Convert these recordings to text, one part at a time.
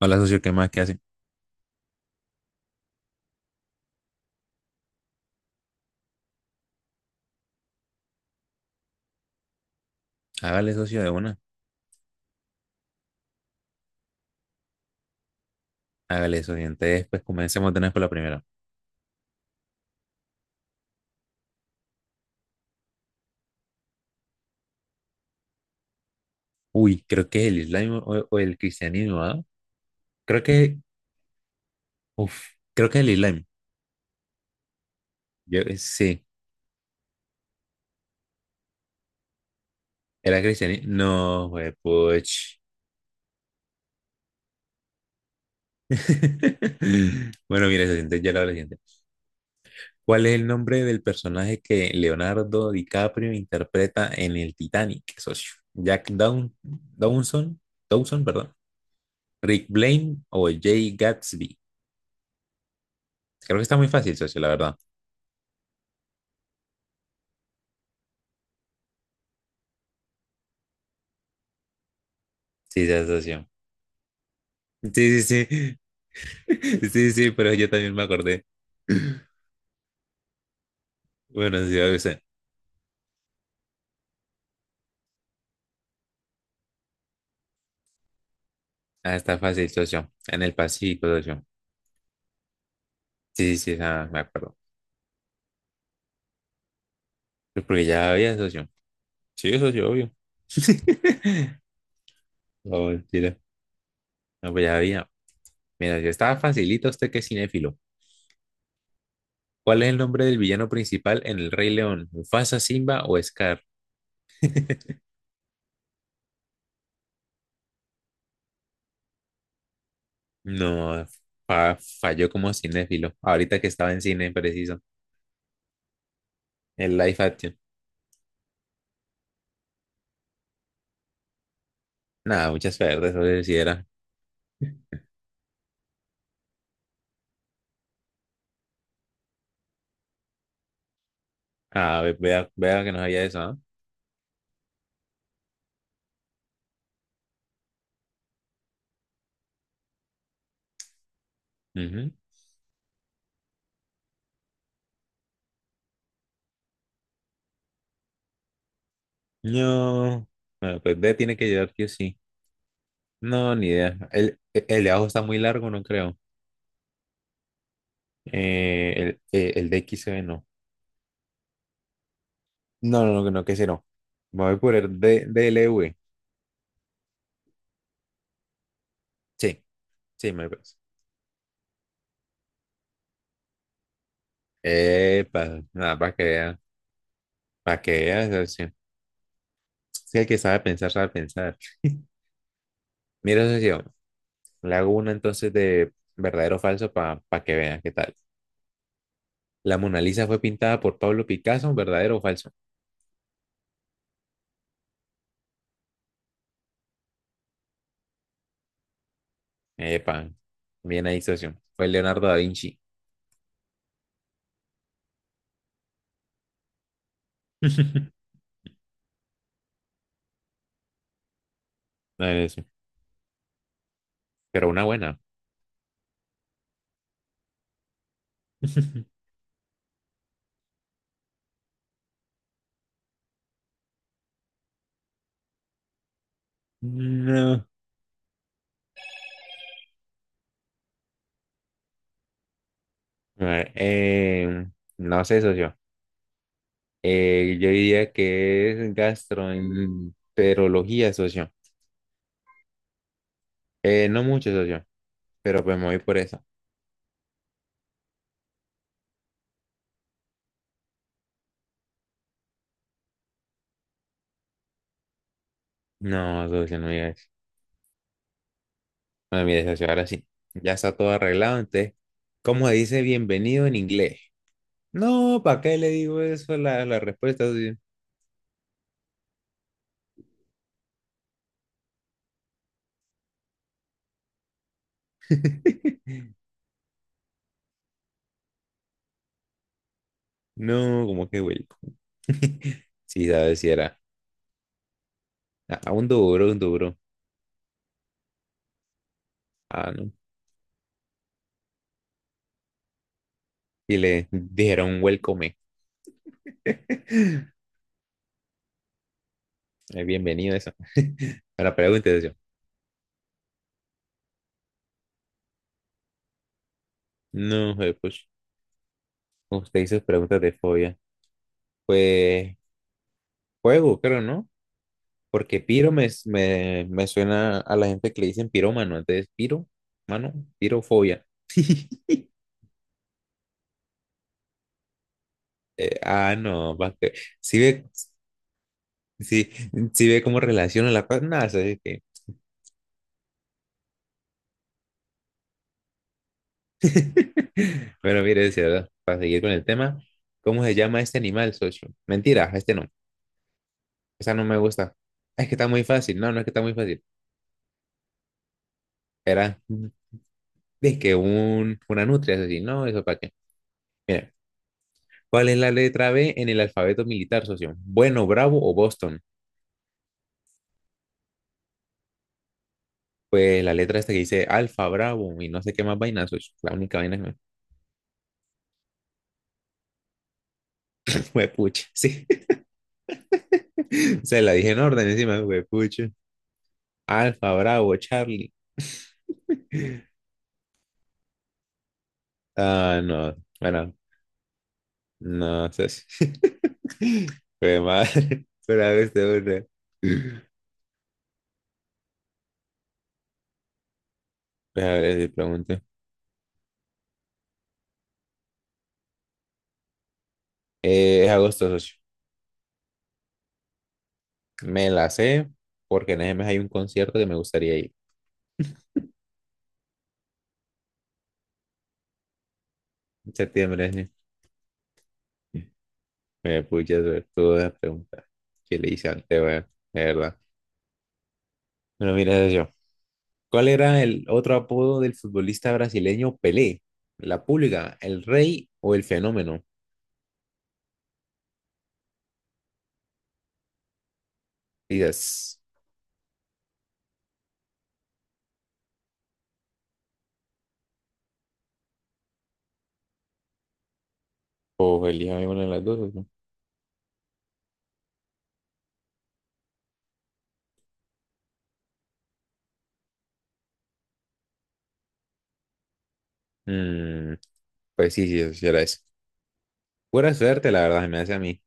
Hola, socio, ¿qué más que hace? Hágale, socio, de una. Hágale, socio. Entonces, pues comencemos de una vez por la primera. Uy, creo que es el Islam o el cristianismo, ¿ah? Creo que, uf, creo que es el Islam. Yo, sí, era cristianismo. No, güey, puch. Bueno, mira, socio, entonces ya lo hago la siguiente. ¿Cuál es el nombre del personaje que Leonardo DiCaprio interpreta en el Titanic, socio? ¿Jack Down, Dawson? Dawson, perdón. ¿Rick Blaine o Jay Gatsby? Creo que está muy fácil, socio, la verdad. Sí, ya socio. Sí, sí, sí. Sí, sí, pero yo también me acordé. Bueno, sí, a veces. Ah, está fácil, socio. En el Pacífico, socio. Sí, sí, sí, ah, me acuerdo. Pero porque ya había, socio. Sí, socio, obvio. No, mentira. No, pues ya había. Mira, yo estaba facilito usted que es cinéfilo. ¿Cuál es el nombre del villano principal en El Rey León? ¿Mufasa, Simba o Scar? No, falló como cinéfilo. Ahorita que estaba en cine, preciso. El live action. Nada, muchas verdes, eso se hiciera. Ah, vea que no sabía eso, ¿ah? Ujú. No. Bueno, pues B tiene que llegar que sí. No, ni idea. El de abajo está muy largo, no creo. El de XB no. No, no, no, no, que ese no. Me voy por el D, DLV. Sí, sí, me parece. Epa, nada, para que vea. Para que vea, socio. Sí, sí, el que sabe pensar, sabe pensar. Mira, socio, le hago una entonces de verdadero o falso para que vea qué tal. La Mona Lisa fue pintada por Pablo Picasso, ¿verdadero o falso? Epa, bien ahí, socio. Fue Leonardo da Vinci. A ver, eso. Pero una buena. No. A ver, no sé, socio. Yo diría que es gastroenterología, socio. No mucho, socio, pero pues me voy por eso. No, socio, no digas eso. Bueno, mire, socio, ahora sí. Ya está todo arreglado, entonces, ¿cómo dice bienvenido en inglés? No, ¿para qué le digo eso? La respuesta, socio. No, como que welcome. Sí, sabes si era. A un duro, un duro. Ah, no. Y le dijeron welcome. Bienvenido eso. Ahora pregúntese yo. No, pues, usted hizo preguntas de fobia. Pues, juego, creo, ¿no? Porque piro me suena a la gente que le dicen pirómano. Entonces, piro, mano, pirofobia. No, si ve, si, si ve cómo relaciona la cosa. Nada, bueno, mire, decía, ¿verdad? Para seguir con el tema, ¿cómo se llama este animal, socio? Mentira, este no, esa no me gusta. Es que está muy fácil, no, no es que está muy fácil. Era, es que una nutria, es decir, no, eso para qué. Mira, ¿cuál es la letra B en el alfabeto militar, socio? Bueno, Bravo o Boston. Pues la letra esta que dice Alfa, Bravo y no sé qué más vaina, socio. La única vaina que me... Fue pucha, sí. Se la dije en orden encima, fue pucha. Alfa, Bravo, Charlie. Ah, no, bueno, no, ¿sabes? Fue madre. Pero a ver, te una. Pues, a ver, si pregunto. Es agosto, socio. Me la sé porque en ese mes hay un concierto que me gustaría ir. En septiembre, sí. Me pucha sobre todas las preguntas que le hice antes, weón. De verdad. Bueno, mira, socio. ¿Cuál era el otro apodo del futbolista brasileño Pelé? ¿La pulga, el rey o el fenómeno? Dices, o elija alguna de las dos, socio. Mm, pues sí, sí, socio, era eso. Pura suerte, la verdad, se me hace a mí.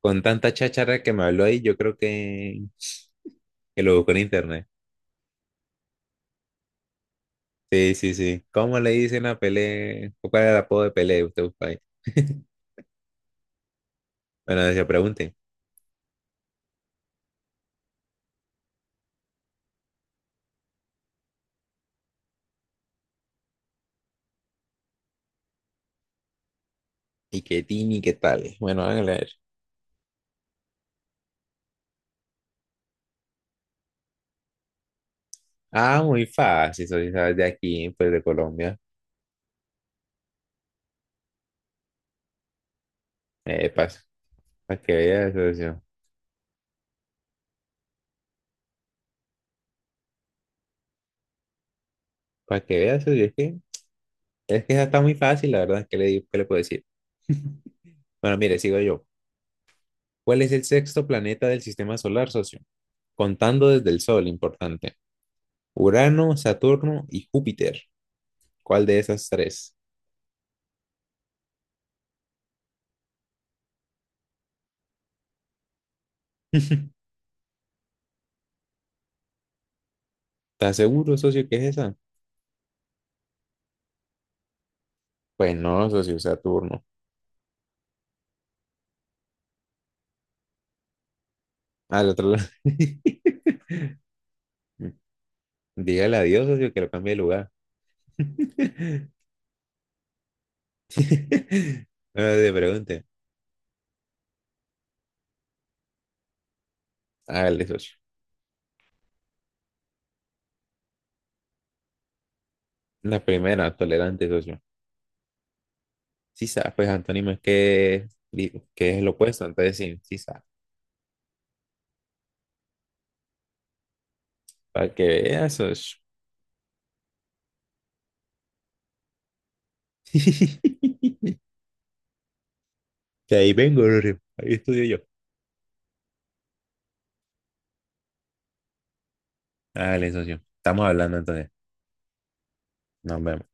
Con tanta cháchara que me habló ahí, yo creo que, lo buscó en internet. Sí, sí, sí. ¿Cómo le dicen a Pelé? ¿Cuál era el apodo de Pelé? Usted busca ahí. Bueno, se pregunte. ¿Y qué tini, qué tal? Bueno, háganle a ver. Ah, muy fácil, soy, ¿sabes? De aquí, pues de Colombia. Pasa. Para que vea eso, socio. Para que vea eso, es que esa está muy fácil, la verdad, ¿qué le puedo decir? Bueno, mire, sigo yo. ¿Cuál es el sexto planeta del sistema solar, socio? Contando desde el Sol, importante. Urano, Saturno y Júpiter. ¿Cuál de esas tres? ¿Estás seguro, socio, que es esa? Pues no, socio, Saturno. Al otro lado. Dígale adiós, socio, que lo cambie de lugar. No te pregunte. Hágale, socio. La primera, tolerante, socio. Sí sabe, pues antónimo es que es lo opuesto, entonces sí, sí sabe. Para que veas, socio. Que ahí vengo, socio. Ahí estudio yo. Hágale, socio. Estamos hablando entonces. Nos vemos.